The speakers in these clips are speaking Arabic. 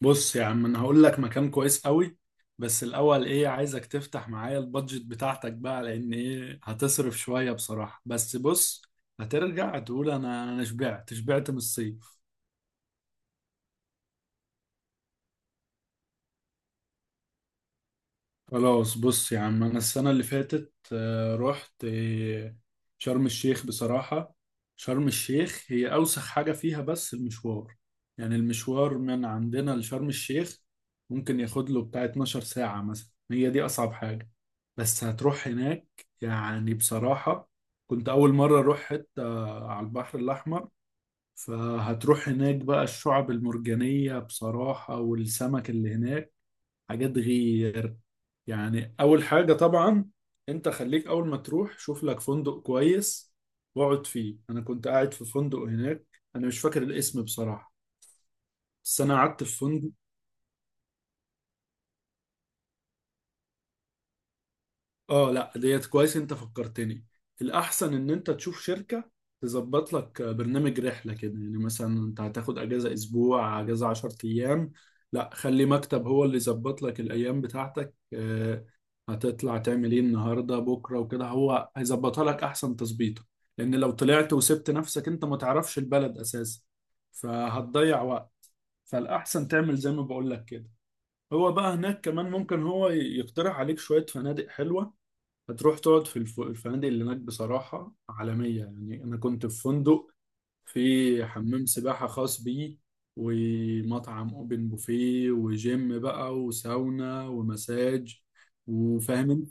بص يا عم انا هقول لك مكان كويس قوي. بس الاول ايه عايزك تفتح معايا البادجت بتاعتك بقى، لان ايه هتصرف شوية بصراحة. بس بص، هترجع تقول انا شبعت من الصيف. خلاص، بص يا عم، انا السنه اللي فاتت رحت شرم الشيخ بصراحه. شرم الشيخ هي اوسخ حاجه فيها بس المشوار، يعني المشوار من عندنا لشرم الشيخ ممكن ياخد له بتاع 12 ساعه مثلا، هي دي اصعب حاجه. بس هتروح هناك، يعني بصراحه كنت اول مره اروح حته على البحر الاحمر. فهتروح هناك بقى، الشعب المرجانيه بصراحه والسمك اللي هناك حاجات غير. يعني اول حاجة طبعا انت خليك اول ما تروح شوف لك فندق كويس واقعد فيه. انا كنت قاعد في فندق هناك، انا مش فاكر الاسم بصراحة، بس انا قعدت في فندق. اه لا ديت كويس، انت فكرتني. الاحسن ان انت تشوف شركة تظبط لك برنامج رحلة كده، يعني مثلا انت هتاخد اجازة اسبوع، اجازة 10 ايام. لا، خلي مكتب هو اللي يظبط لك الايام بتاعتك. هتطلع تعمل ايه النهاردة بكرة وكده، هو هيظبطها لك احسن تظبيطه. لان لو طلعت وسبت نفسك، انت ما تعرفش البلد اساسا، فهتضيع وقت. فالاحسن تعمل زي ما بقول لك كده. هو بقى هناك كمان ممكن هو يقترح عليك شوية فنادق حلوة. هتروح تقعد في الفنادق اللي هناك بصراحة عالمية، يعني أنا كنت في فندق في حمام سباحة خاص بيه ومطعم أوبن بوفيه وجيم بقى وساونا ومساج. وفاهم.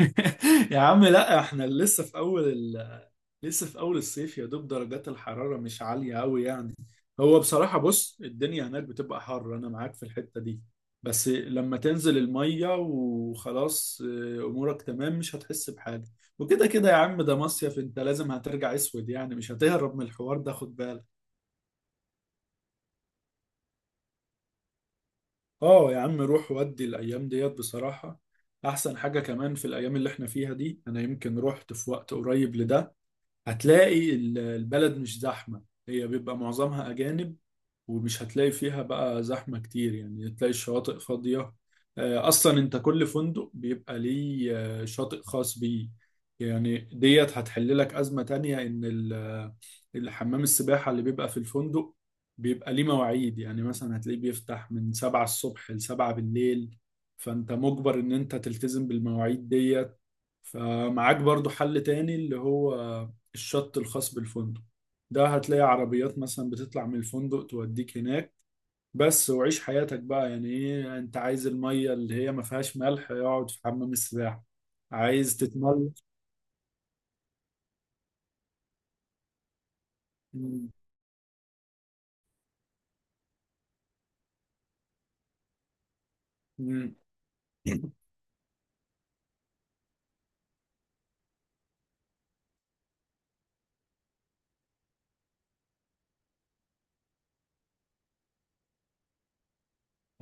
يا عم لا، احنا لسه في اول. لسه في اول الصيف، يا دوب درجات الحرارة مش عالية قوي يعني. هو بصراحة بص، الدنيا هناك بتبقى حر، انا معاك في الحتة دي، بس لما تنزل المية وخلاص، امورك تمام، مش هتحس بحاجة. وكده كده يا عم ده مصيف، انت لازم هترجع اسود يعني، مش هتهرب من الحوار ده، خد بالك. اه يا عم روح، ودي الايام ديت بصراحة احسن حاجة، كمان في الايام اللي احنا فيها دي، انا يمكن رحت في وقت قريب لده. هتلاقي البلد مش زحمة، هي بيبقى معظمها أجانب، ومش هتلاقي فيها بقى زحمة كتير، يعني هتلاقي الشواطئ فاضية. أصلا أنت كل فندق بيبقى ليه شاطئ خاص بيه. يعني ديت هتحل لك أزمة تانية، إن الحمام السباحة اللي بيبقى في الفندق بيبقى ليه مواعيد، يعني مثلا هتلاقيه بيفتح من سبعة الصبح لسبعة بالليل، فأنت مجبر إن أنت تلتزم بالمواعيد ديت. فمعاك برضو حل تاني اللي هو الشط الخاص بالفندق ده، هتلاقي عربيات مثلا بتطلع من الفندق توديك هناك. بس وعيش حياتك بقى، يعني ايه، انت عايز المية اللي هي ما فيهاش ملح اقعد في حمام السباحة. عايز تتمل. مم. مم.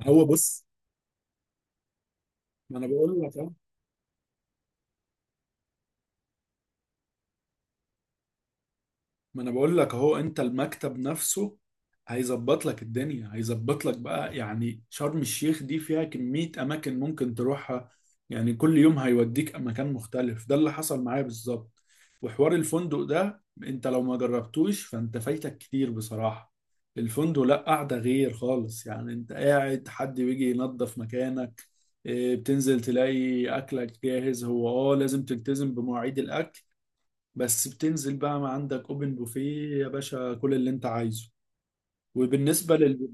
هو بص، ما انا بقول لك ما انا بقول لك اهو، انت المكتب نفسه هيظبط لك الدنيا، هيظبط لك بقى. يعني شرم الشيخ دي فيها كمية اماكن ممكن تروحها، يعني كل يوم هيوديك مكان مختلف، ده اللي حصل معايا بالظبط. وحوار الفندق ده انت لو ما جربتوش فانت فايتك كتير بصراحة. الفندق لا قاعدة غير خالص، يعني انت قاعد حد بيجي ينظف مكانك، إيه، بتنزل تلاقي اكلك جاهز. هو اه لازم تلتزم بمواعيد الاكل، بس بتنزل بقى ما عندك اوبن بوفيه يا باشا، كل اللي انت عايزه. وبالنسبه لل،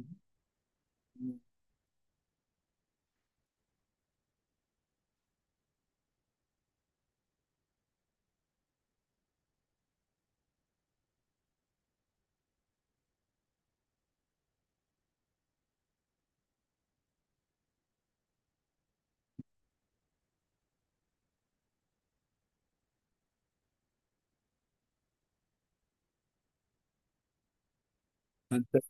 ما انت،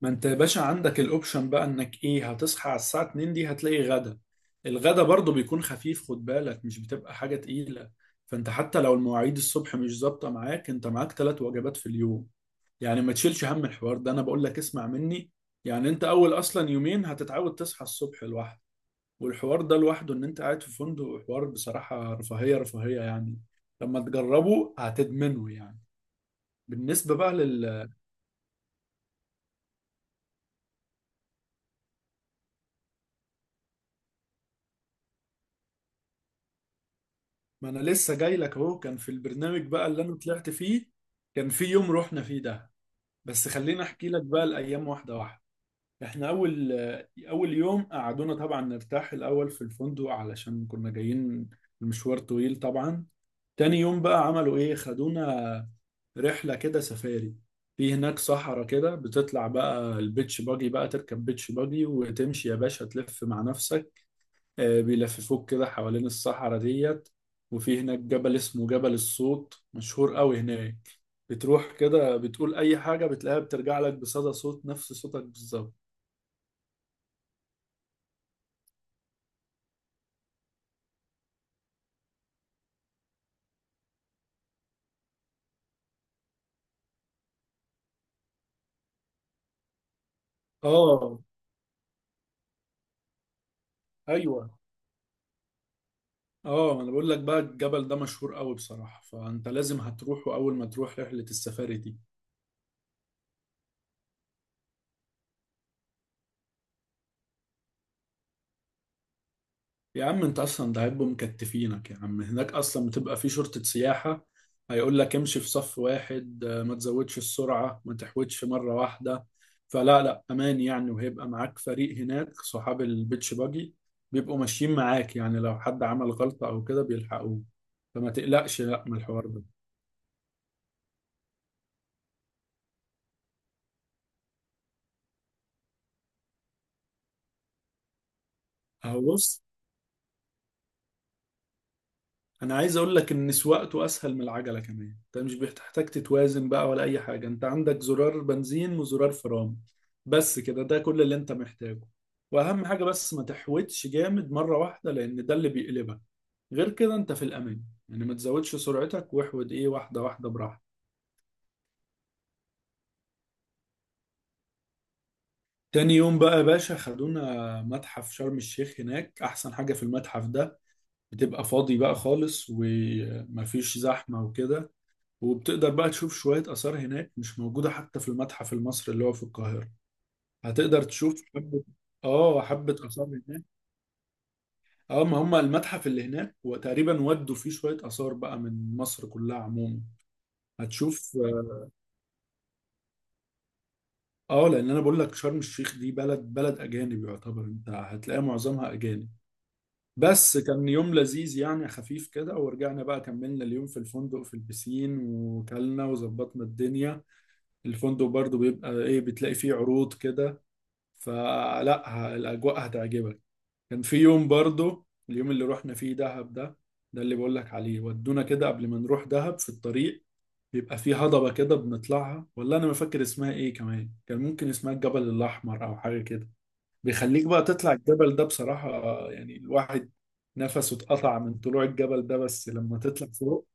ما انت يا باشا عندك الاوبشن بقى انك ايه، هتصحى على الساعه 2 دي هتلاقي غدا. الغدا برضو بيكون خفيف، خد بالك مش بتبقى حاجه تقيله. فانت حتى لو المواعيد الصبح مش ظابطه معاك، انت معاك ثلاث وجبات في اليوم، يعني ما تشيلش هم الحوار ده، انا بقول لك اسمع مني. يعني انت اول اصلا يومين هتتعود تصحى الصبح لوحدك، والحوار ده لوحده، ان انت قاعد في فندق، حوار بصراحة رفاهية رفاهية يعني، لما تجربه هتدمنه يعني. بالنسبة بقى لل، ما انا لسه جاي لك اهو. كان في البرنامج بقى اللي انا طلعت فيه كان في يوم رحنا فيه ده، بس خليني احكي لك بقى الايام واحدة واحدة. احنا اول يوم قعدونا طبعا نرتاح الاول في الفندق علشان كنا جايين، المشوار طويل طبعا. تاني يوم بقى عملوا ايه، خدونا رحلة كده سفاري، في هناك صحراء كده بتطلع بقى البيتش باجي، بقى تركب بيتش باجي وتمشي يا باشا تلف مع نفسك، بيلففوك كده حوالين الصحراء ديت. وفي هناك جبل اسمه جبل الصوت، مشهور قوي هناك، بتروح كده بتقول أي حاجة بتلاقيها بترجع لك بصدى صوت، نفس صوتك بالظبط. اه. ايوه، اه ما انا بقول لك بقى الجبل ده مشهور قوي بصراحة، فانت لازم هتروحه اول ما تروح رحلة السفاري دي. يا عم انت اصلا ده هيبقوا مكتفينك، يا عم هناك اصلا بتبقى في شرطة سياحة، هيقول لك امشي في صف واحد، ما تزودش السرعة، ما تحودش مرة واحدة. فلا لا امان يعني، وهيبقى معاك فريق هناك صحاب البيتش باجي بيبقوا ماشيين معاك، يعني لو حد عمل غلطة او كده بيلحقوه، فما تقلقش لا من الحوار ده. اهو بص، انا عايز اقول لك ان سواقته اسهل من العجله كمان، انت مش بتحتاج تتوازن بقى ولا اي حاجه، انت عندك زرار بنزين وزرار فرامل، بس كده، ده كل اللي انت محتاجه. واهم حاجه بس ما تحوتش جامد مره واحده، لان ده اللي بيقلبك، غير كده انت في الامان. يعني ما تزودش سرعتك، واحود ايه، واحده واحده براحتك. تاني يوم بقى يا باشا خدونا متحف شرم الشيخ. هناك احسن حاجه في المتحف ده، بتبقى فاضي بقى خالص ومفيش زحمه وكده، وبتقدر بقى تشوف شوية آثار هناك مش موجودة حتى في المتحف المصري اللي هو في القاهرة. هتقدر تشوف حبة. اه حبة آثار هناك. اه، ما هم المتحف اللي هناك وتقريبا ودوا فيه شوية آثار بقى من مصر كلها عموما. هتشوف، اه لأن أنا بقول لك شرم الشيخ دي بلد، بلد أجانب يعتبر، أنت هتلاقي معظمها أجانب. بس كان يوم لذيذ يعني، خفيف كده، ورجعنا بقى كملنا اليوم في الفندق، في البسين وكلنا وظبطنا الدنيا. الفندق برضو بيبقى ايه، بتلاقي فيه عروض كده، فلا الأجواء هتعجبك. كان في يوم برضو اليوم اللي رحنا فيه دهب ده، ده اللي بقول لك عليه. ودونا كده قبل ما نروح دهب في الطريق، بيبقى في هضبة كده بنطلعها، والله أنا ما فاكر اسمها إيه كمان، كان ممكن اسمها الجبل الأحمر أو حاجة كده. بيخليك بقى تطلع الجبل ده بصراحة، يعني الواحد نفسه اتقطع من طلوع الجبل ده، بس لما تطلع فوق.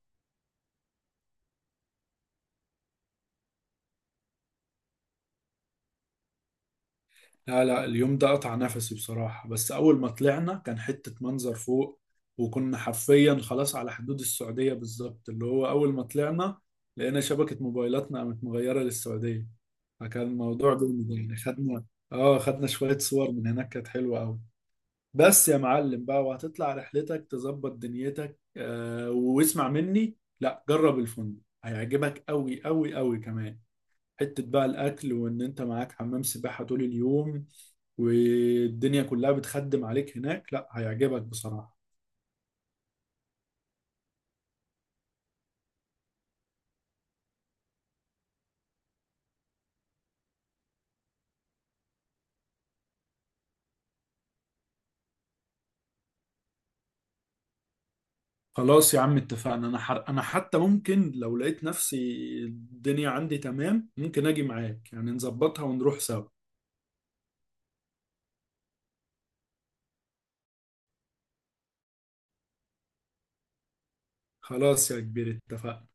لا لا، اليوم ده قطع نفسي بصراحة، بس أول ما طلعنا كان حتة منظر فوق، وكنا حرفيا خلاص على حدود السعودية بالظبط، اللي هو أول ما طلعنا لقينا شبكة موبايلاتنا قامت مغيرة للسعودية، فكان الموضوع جامد يعني. خدنا، اه خدنا شوية صور من هناك كانت حلوة أوي. بس يا معلم بقى، وهتطلع رحلتك تظبط دنيتك، آه واسمع مني، لا جرب الفندق هيعجبك أوي أوي أوي، كمان حتة بقى الأكل، وإن أنت معاك حمام سباحة طول اليوم والدنيا كلها بتخدم عليك هناك، لا هيعجبك بصراحة. خلاص يا عم اتفقنا، انا انا حتى ممكن لو لقيت نفسي الدنيا عندي تمام ممكن اجي معاك، يعني نظبطها ونروح سوا. خلاص يا كبير اتفقنا.